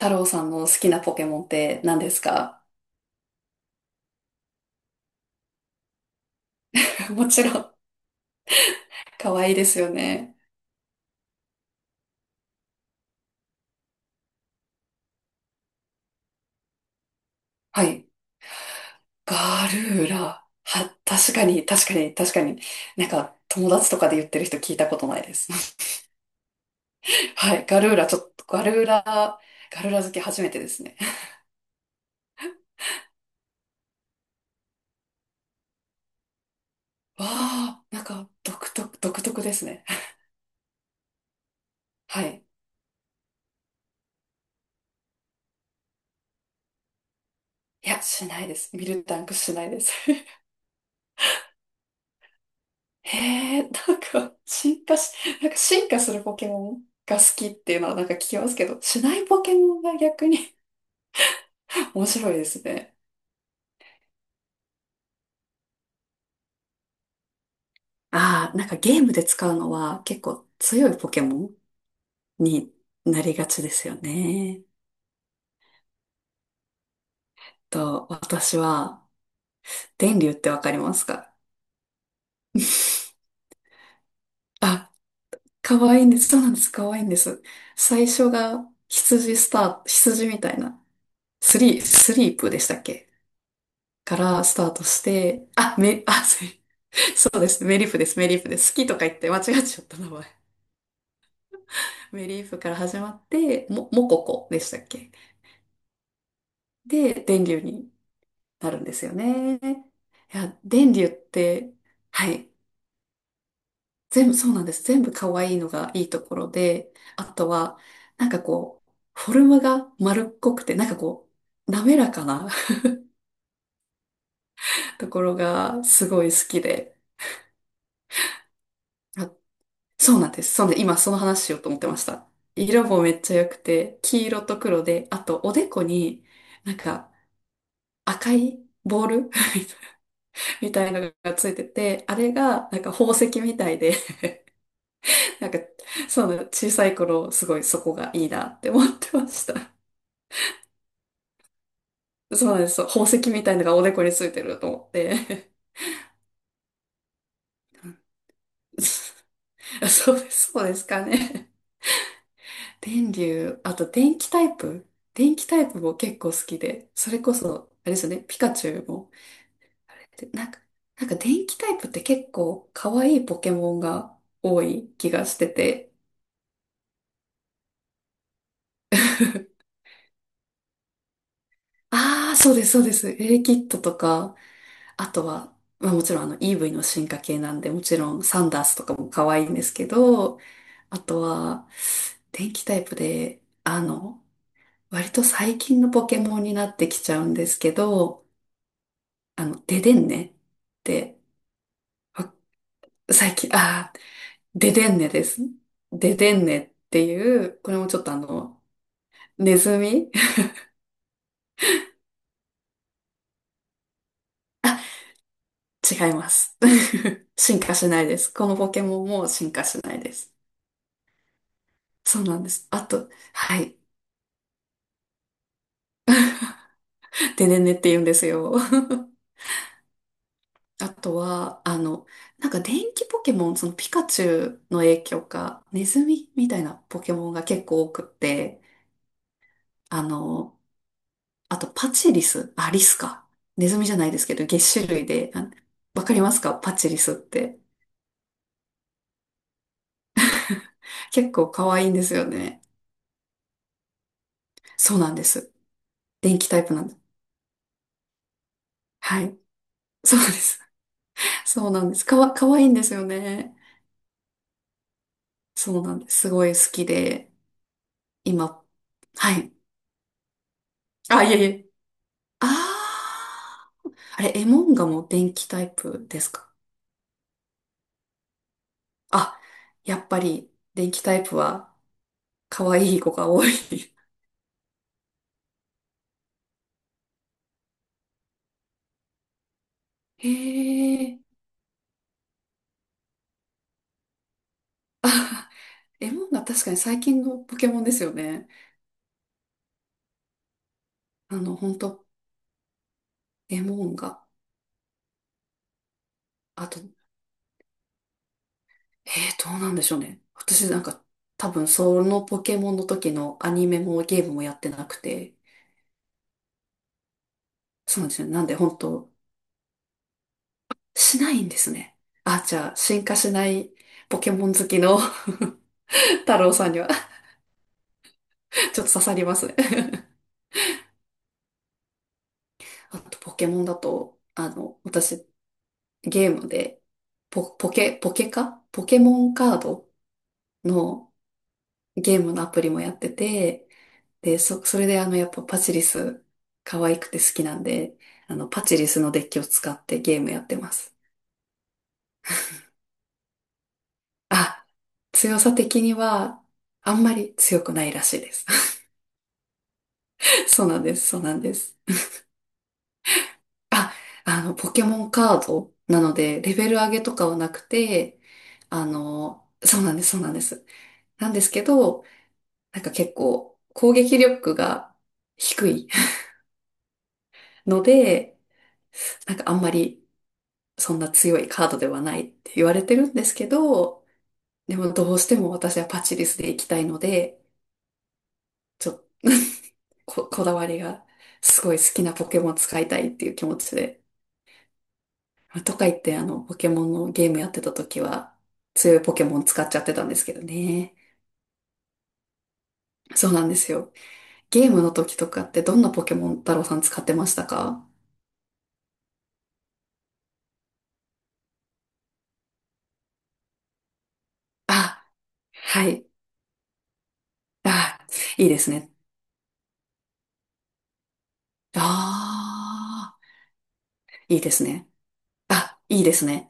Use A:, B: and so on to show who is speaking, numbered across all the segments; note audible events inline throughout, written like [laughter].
A: 太郎さんの好きなポケモンって何ですか？ [laughs] もちろん、可愛いですよね。はい。ガルーラ。は、確かに、確かに、確かに。なんか、友達とかで言ってる人聞いたことないです。[laughs] はい。ガルーラ、ちょっと、ガルーラ、ガルーラ好き初めてですね。わあ、なんか、独特、独特ですね。はい。いや、しないです。ミルタンクしないです。[laughs] へえ、なんか、進化し、なんか進化するポケモンが好きっていうのはなんか聞きますけど、しないポケモンが逆に [laughs] 面白いですね。ああ、なんかゲームで使うのは結構強いポケモンになりがちですよね。と、私は、電流ってわかりますか？ [laughs] あ、可愛いんです。そうなんです。可愛いんです。最初が羊スタート、羊みたいな、スリー、スリープでしたっけ？からスタートして、あ、め、あ、す、そうです。メリーフです。メリーフです。好きとか言って間違っちゃった名前。メリーフから始まって、も、モココでしたっけ？で、電流になるんですよね。いや、電流って、はい。全部、そうなんです。全部可愛いのがいいところで、あとは、なんかこう、フォルムが丸っこくて、なんかこう、滑らかな [laughs] ところがすごい好きで、あ、そうなんです。そうなんで、今その話しようと思ってました。色もめっちゃ良くて、黄色と黒で、あとおでこになんか赤いボール [laughs] みたいなのがついてて、あれがなんか宝石みたいで、[laughs] なんかそうなんです、小さい頃すごいそこがいいなって思ってました。そうなんです。そう、宝石みたいなのがおでこについてると思って。[laughs] そうです、そうですかね。電流、あと電気タイプ、電気タイプも結構好きで、それこそ、あれですよね、ピカチュウも。で、なんか、なんか電気タイプって結構可愛いポケモンが多い気がしてて。[laughs] ああ、そうです、そうです。エレキッドとか、あとは、まあもちろんイーブイの進化系なんで、もちろんサンダースとかも可愛いんですけど、あとは、電気タイプで、割と最近のポケモンになってきちゃうんですけど、ででんねって、わ、最近、ああ、ででんねです。ででんねっていう、これもちょっとネズミ [laughs] あ、違います。[laughs] 進化しないです。このポケモンも進化しないです。そうなんです。あと、はい。ででんねって言うんですよ。[laughs] あとは、なんか電気ポケモン、そのピカチュウの影響か、ネズミみたいなポケモンが結構多くって、あの、あと、パチリス。あ、リスか。ネズミじゃないですけど、シ種類で。あ、わかりますか、パチリスって。結構可愛いんですよね。そうなんです。電気タイプなんです。はい。そうです。そうなんです。かわ、可愛いんですよね。そうなんです。すごい好きで。今、はい。あ、いえいえ。あー。あれ、エモンガも電気タイプですか？あ、やっぱり、電気タイプは可愛い子が多い。[laughs] へえ。エモンガ確かに最近のポケモンですよね。本当エモンが、あと、どうなんでしょうね。私なんか、多分そのポケモンの時のアニメもゲームもやってなくて、そうなんですよね。なんで本当、しないんですね。あ、じゃあ、進化しないポケモン好きの [laughs] 太郎さんには [laughs] ちょっと刺さりますね。あと、ポケモンだと、私、ゲームで、ポ、ポケ、ポケかポケモンカードのゲームのアプリもやってて、で、そ、それでやっぱパチリス、可愛くて好きなんで、パチリスのデッキを使ってゲームやってます。あ、強さ的には、あんまり強くないらしいです。[laughs] そうなんです、そうなんです。あ、ポケモンカードなので、レベル上げとかはなくて、そうなんです、そうなんです。なんですけど、なんか結構、攻撃力が低い [laughs] ので、なんかあんまりそんな強いカードではないって言われてるんですけど、でもどうしても私はパチリスで行きたいので、ちょっと [laughs] こ、こだわりがすごい好きなポケモン使いたいっていう気持ちで。とか言ってポケモンのゲームやってた時は強いポケモン使っちゃってたんですけどね。そうなんですよ。ゲームの時とかってどんなポケモン太郎さん使ってましたか？あ、はい。あ、いいですね。ああ、いいですね。あ、いいですね。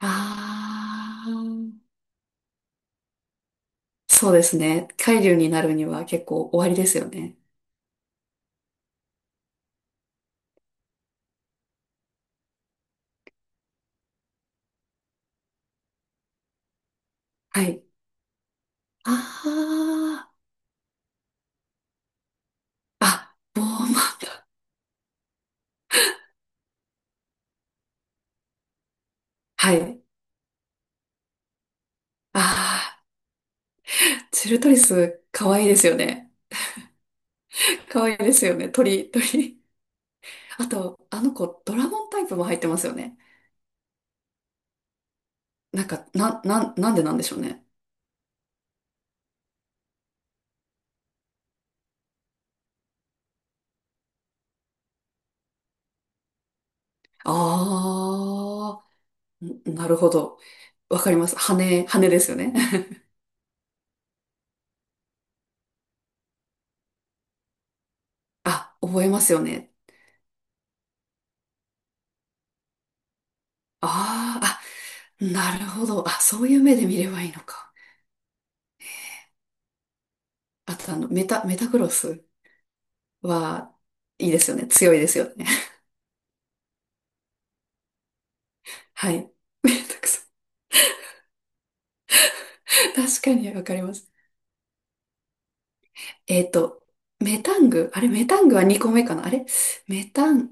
A: ああ、そうですね。海流になるには結構終わりですよね。はい。ああ、あ、ボーマン。はい。ああ、チルトリス、可愛いですよね。可愛いですよね。鳥、鳥。あと、あの子、ドラゴンタイプも入ってますよね。なんか、な、な、なんでなんでしょうね。ああ、ん、なるほど。わかります。羽、羽ですよね。[laughs] あ、覚えますよね。ああ、あ、なるほど。あ、そういう目で見ればいいのか。あと、メタ、メタクロスは、いいですよね。強いですよね。[laughs] はい。[laughs] メタクソ。確かにわかります。えっと、メタング。あれ、メタングは2個目かなあれ、メタン、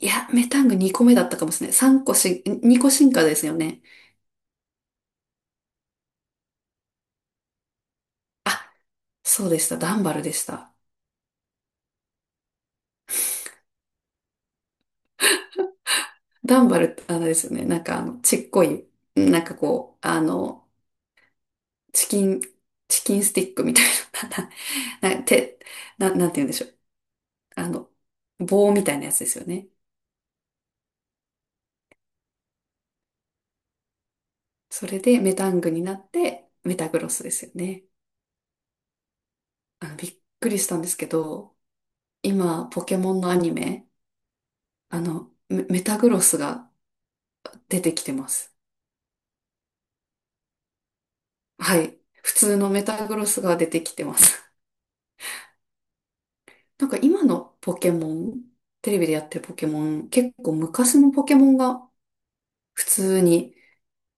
A: いや、メタング2個目だったかもしれない。3個し、2個進化ですよね。そうでした。ダンバルでした。ダンバルってあれですよね。なんかちっこい、なんかこう、チキン、チキンスティックみたいな、[laughs] な、な、て、な、なんて言うんでしょう。あの、棒みたいなやつですよね。それでメタングになってメタグロスですよね。びっくりしたんですけど、今、ポケモンのアニメ、メ、メタグロスが出てきてます。はい。普通のメタグロスが出てきてます。[laughs] なんか今のポケモン、テレビでやってるポケモン、結構昔のポケモンが普通に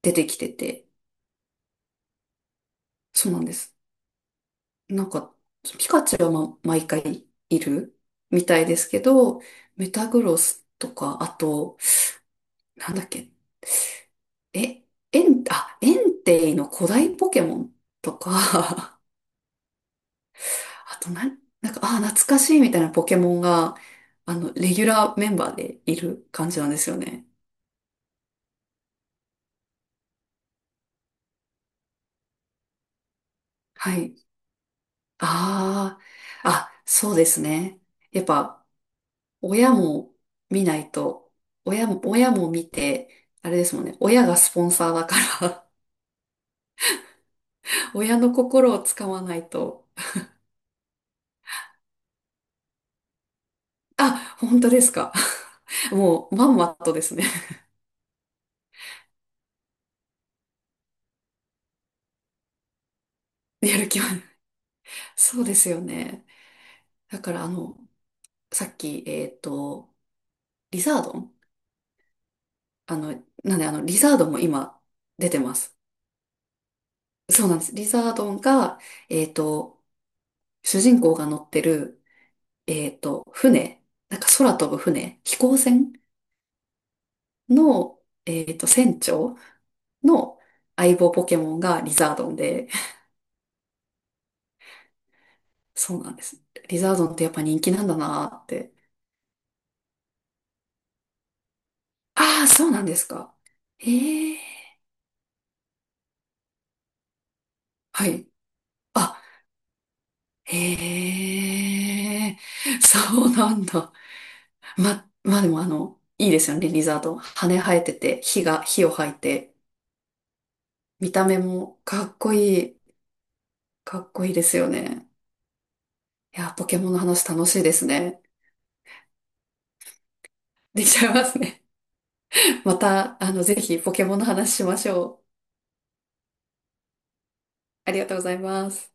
A: 出てきてて、そうなんです。なんか、ピカチュウは毎回いるみたいですけど、メタグロスとか、あと、なんだっけ、え、エン、あ、エンテイの古代ポケモンとか、[laughs] あと、なん、なんか、あ、懐かしいみたいなポケモンが、レギュラーメンバーでいる感じなんですよね。はい。ああ、あ、そうですね。やっぱ、親も見ないと、親も、親も見て、あれですもんね。親がスポンサーだから [laughs] 親の心をつかまないと。あ、本当ですか。[laughs] もう、まんまとですね。[laughs] やる気は。そうですよね。だから、さっき、リザードン、あの、なんで、リザードンも今、出てます。そうなんです。リザードンが、えっと、主人公が乗ってる、船、なんか空飛ぶ船、飛行船の、船長の相棒ポケモンがリザードンで、そうなんです。リザードンってやっぱ人気なんだなーって。ああ、そうなんですか。ええ、はい。あ、へえ、そうなんだ。ま、まあでもいいですよね、リザードン。羽生えてて、火が、火を吐いて、見た目もかっこいい。かっこいいですよね。いや、ポケモンの話楽しいですね。できちゃいますね。[laughs] また、ぜひポケモンの話しましょう。ありがとうございます。